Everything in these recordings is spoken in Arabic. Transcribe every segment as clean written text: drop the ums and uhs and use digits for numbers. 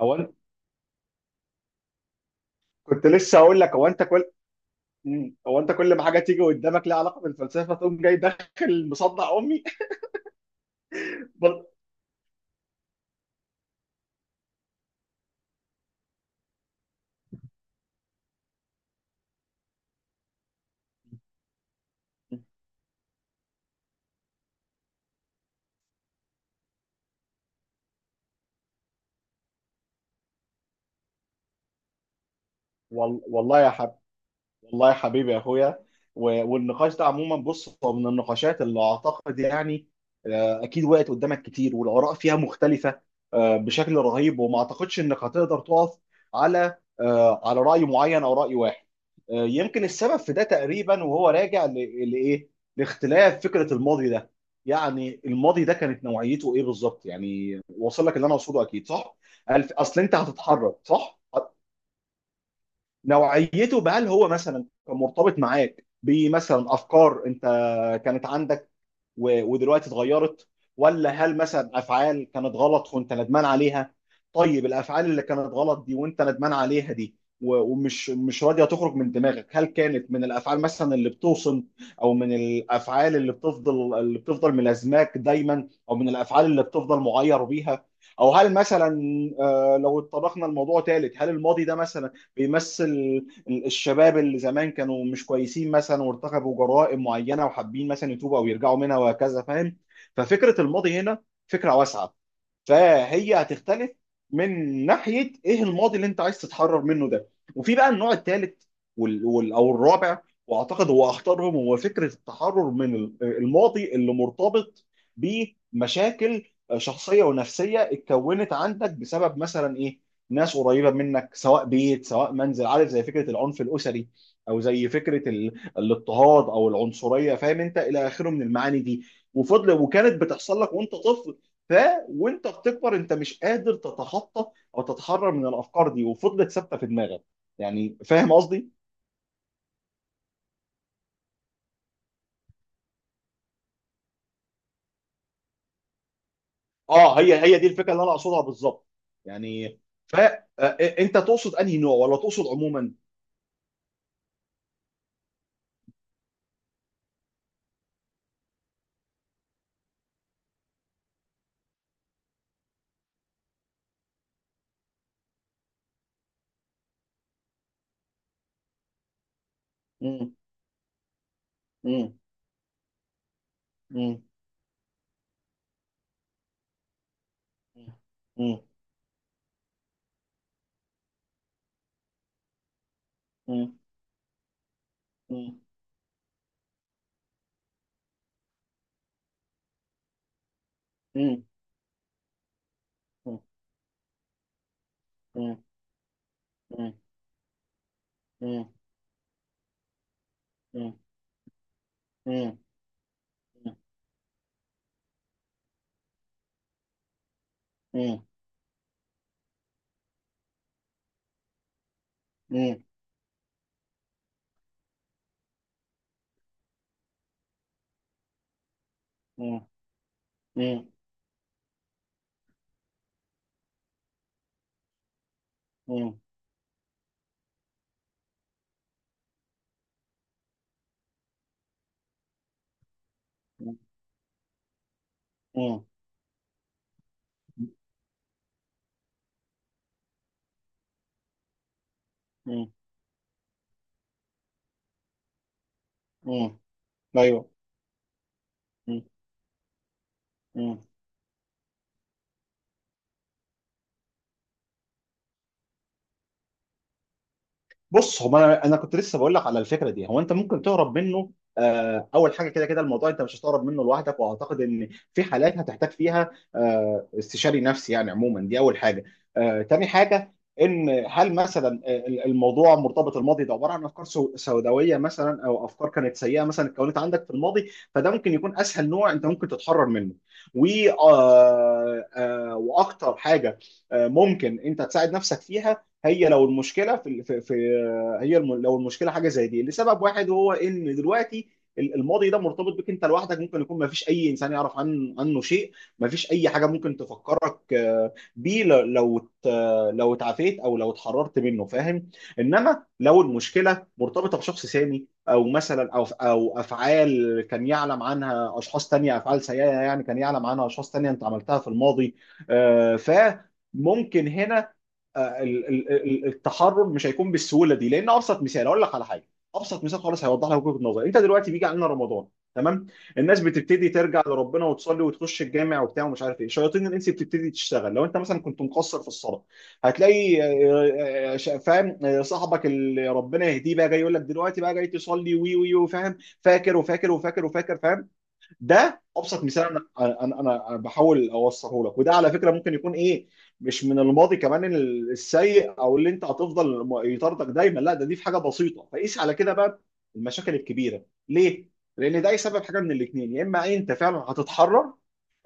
او أنت- كنت لسه هقول لك. هو انت كل مم. هو انت كل ما حاجه تيجي قدامك لها علاقه بالفلسفه تقوم جاي داخل مصدع امي. وال- والله يا حبيبي. والله يا حبيبي يا اخويا. والنقاش ده عموما، بص، هو من النقاشات اللي اعتقد اكيد وقت قدامك كتير، والاراء فيها مختلفه بشكل رهيب، وما اعتقدش انك هتقدر تقف على راي معين او راي واحد. يمكن السبب في ده تقريبا، وهو راجع لايه؟ لاختلاف فكره الماضي ده. يعني الماضي ده كانت نوعيته ايه بالظبط؟ يعني واصل لك اللي انا اقصده، اكيد صح. اصل انت هتتحرك، صح؟ نوعيته، بهل هو مثلا كان مرتبط معاك بمثلا افكار انت كانت عندك ودلوقتي اتغيرت؟ ولا هل مثلا افعال كانت غلط وانت ندمان عليها؟ طيب، الافعال اللي كانت غلط دي وانت ندمان عليها دي ومش مش راضيه تخرج من دماغك، هل كانت من الافعال مثلا اللي بتوصم، او من الافعال اللي بتفضل ملازماك دايما، او من الافعال اللي بتفضل معير بيها، او هل مثلا لو اتطرقنا لموضوع ثالث، هل الماضي ده مثلا بيمثل الشباب اللي زمان كانوا مش كويسين مثلا وارتكبوا جرائم معينه وحابين مثلا يتوبوا او يرجعوا منها وهكذا، فاهم؟ ففكره الماضي هنا فكره واسعه، فهي هتختلف من ناحيه ايه الماضي اللي انت عايز تتحرر منه ده. وفي بقى النوع الثالث او الرابع، واعتقد هو اخطرهم. هو فكره التحرر من الماضي اللي مرتبط بمشاكل شخصيه ونفسيه اتكونت عندك بسبب مثلا ايه؟ ناس قريبه منك، سواء بيت سواء منزل، عارف؟ زي فكره العنف الاسري، او زي فكره الاضطهاد او العنصريه، فاهم انت الى اخره من المعاني دي. وفضل وكانت بتحصل لك وانت طفل. ف وانت بتكبر، انت مش قادر تتخطى او تتحرر من الافكار دي، وفضلت ثابته في دماغك. يعني فاهم قصدي؟ اه، هي دي الفكره اللي انا اقصدها بالظبط. يعني ف آه، انت تقصد انهي نوع ولا تقصد عموما؟ مم، مم، مم، مم، مم، مم، مم، مم، مم، مم، مم، مم، مم، مم، مم، مم، مم، مم، مم، مم، مم. ايوه. بص، هو انا كنت لسه بقول لك على الفكره دي، هو انت ممكن تهرب منه. اول حاجه، كده كده الموضوع انت مش هتهرب منه لوحدك، واعتقد ان في حالات هتحتاج فيها استشاري نفسي يعني عموما، دي اول حاجه. تاني حاجه، ان هل مثلا الموضوع مرتبط، الماضي ده عباره عن افكار سوداويه مثلا، او افكار كانت سيئه مثلا اتكونت عندك في الماضي، فده ممكن يكون اسهل نوع انت ممكن تتحرر منه. و آه، آه، واكتر حاجه ممكن انت تساعد نفسك فيها، هي لو المشكله في هي لو المشكله حاجه زي دي لسبب واحد، وهو ان دلوقتي الماضي ده مرتبط بك انت لوحدك، ممكن يكون ما فيش اي انسان يعرف عنه شيء، ما فيش اي حاجه ممكن تفكرك بيه لو اتعافيت او لو اتحررت منه، فاهم؟ انما لو المشكله مرتبطه بشخص ثاني، او مثلا او افعال كان يعلم عنها اشخاص تانية، افعال سيئه يعني كان يعلم عنها اشخاص تانية انت عملتها في الماضي، آه، ف ممكن هنا التحرر مش هيكون بالسهوله دي، لان ابسط مثال اقول لك على حاجه. ابسط مثال خالص هيوضح لك وجهه نظري: انت دلوقتي بيجي علينا رمضان. تمام. الناس بتبتدي ترجع لربنا وتصلي وتخش الجامع وبتاع ومش عارف ايه، شياطين الانس بتبتدي تشتغل. لو انت مثلا كنت مقصر في الصلاه، هتلاقي آه، آه، ش- فاهم آه، صاحبك اللي ربنا يهديه بقى جاي يقول لك: دلوقتي بقى جاي تصلي، وي وي، وفاهم فاكر وفاكر وفاكر وفاكر، فاهم؟ ده ابسط مثال، انا انا انا أنا بحاول اوصله لك، وده على فكره ممكن يكون ايه، مش من الماضي كمان السيء او اللي انت هتفضل يطاردك دايما، لا ده دي في حاجه بسيطه، فقيس على كده بقى المشاكل الكبيره ليه؟ لان ده يسبب حاجه من الاثنين، يا اما انت فعلا هتتحرر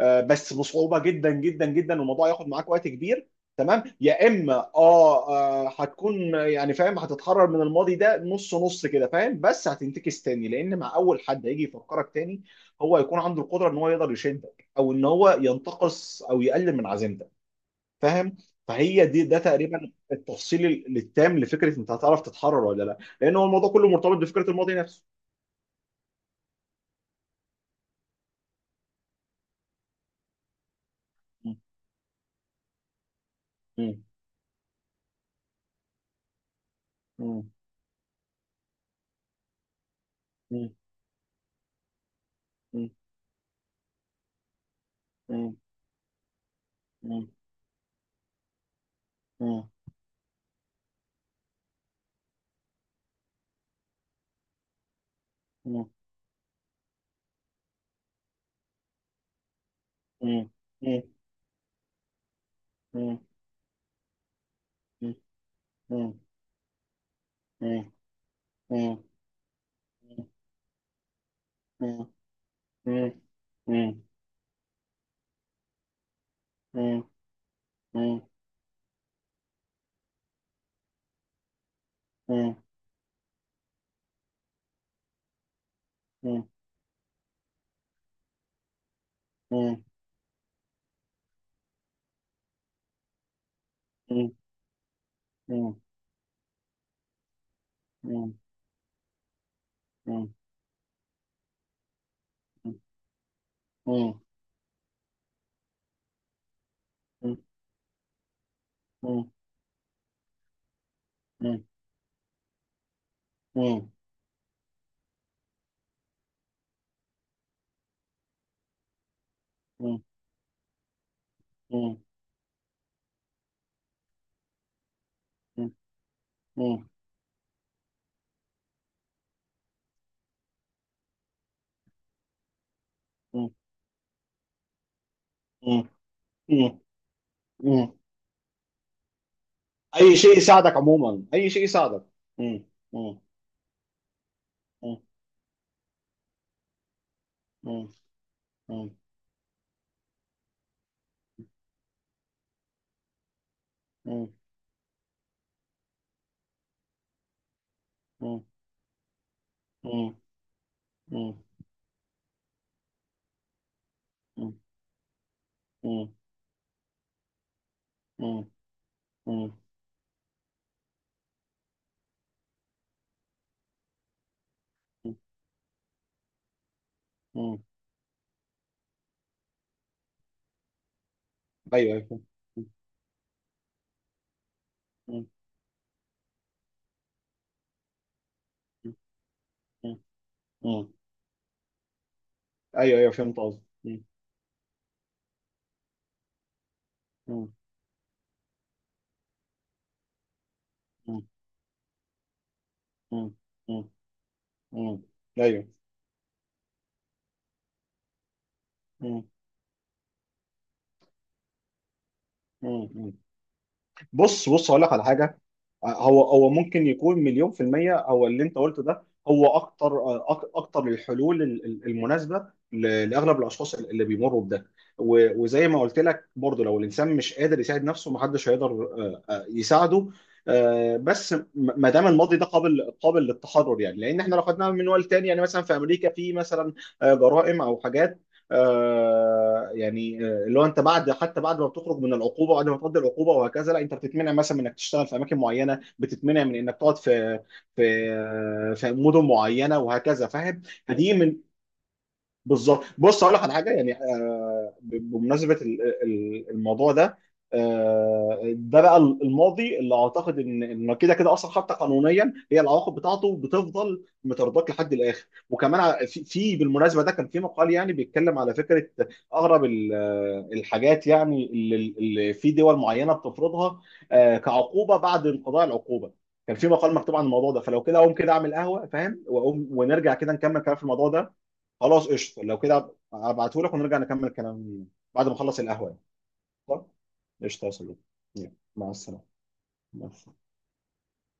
بس بصعوبه جدا جدا جدا، والموضوع ياخد معاك وقت كبير. تمام. يا اما هتكون يعني فاهم، هتتحرر من الماضي ده نص نص كده، فاهم؟ بس هتنتكس تاني، لان مع اول حد هيجي يفكرك تاني هو هيكون عنده القدره ان هو يقدر يشدك، او ان هو ينتقص او يقلل من عزيمتك، فاهم؟ فهي دي ده تقريبا التفصيل التام لفكره انت هتعرف تتحرر ولا لا، لان هو الموضوع كله مرتبط بفكره الماضي نفسه. م- م- م- م- م- م- م- م- مم. مم. مم. مم. مم. مم. مم. مم. مم. مم. مم. مم. مم. مم. مم. مم. مم. مم. مم. مم. مم. أي شيء يساعدك عموما، أي شيء يساعدك. مم. مم. مم. مم. مم. مم. مم. مم. مم. مم. مم. مم. مم. أيوه، أيوه. مم. مم. ايوه، ايوه، فهمت قصدي. مم. مم. مم. مم. مم. مم. ايوه. مم. مم. مم. بص، بص، هقول لك على حاجه. هو ممكن يكون 1,000,000% هو اللي انت قلته ده. هو اكتر، اكتر الحلول المناسبة لاغلب الاشخاص اللي بيمروا بده. وزي ما قلت لك برضه، لو الانسان مش قادر يساعد نفسه، محدش هيقدر يساعده. بس ما دام الماضي ده قابل للتحرر يعني، لان احنا لو خدناها من منوال تاني يعني، مثلا في امريكا في مثلا جرائم او حاجات اللي هو انت بعد، حتى بعد ما بتخرج من العقوبه، بعد ما تقضي العقوبه وهكذا، لا انت بتتمنع مثلا من انك تشتغل في اماكن معينه، بتتمنع من انك تقعد في مدن معينه وهكذا، فاهم؟ فدي من بالظبط. بص، اقول لك على حاجه يعني بمناسبه الموضوع ده، ده بقى الماضي اللي اعتقد ان كده كده اصلا حتى قانونيا، هي العواقب بتاعته بتفضل مترداك لحد الاخر. وكمان بالمناسبه، ده كان في مقال يعني بيتكلم على فكره اغرب الحاجات يعني اللي في دول معينه بتفرضها كعقوبه بعد انقضاء العقوبه. كان في مقال مكتوب عن الموضوع ده. فلو كده اقوم كده اعمل قهوه، فاهم؟ واقوم ونرجع كده نكمل كلام في الموضوع ده. خلاص قشطه، لو كده هبعته لك ونرجع نكمل كلام بعد ما اخلص القهوه يعني. طب، قشطه يا صديقي. يلا، مع السلامه. مع السلامة.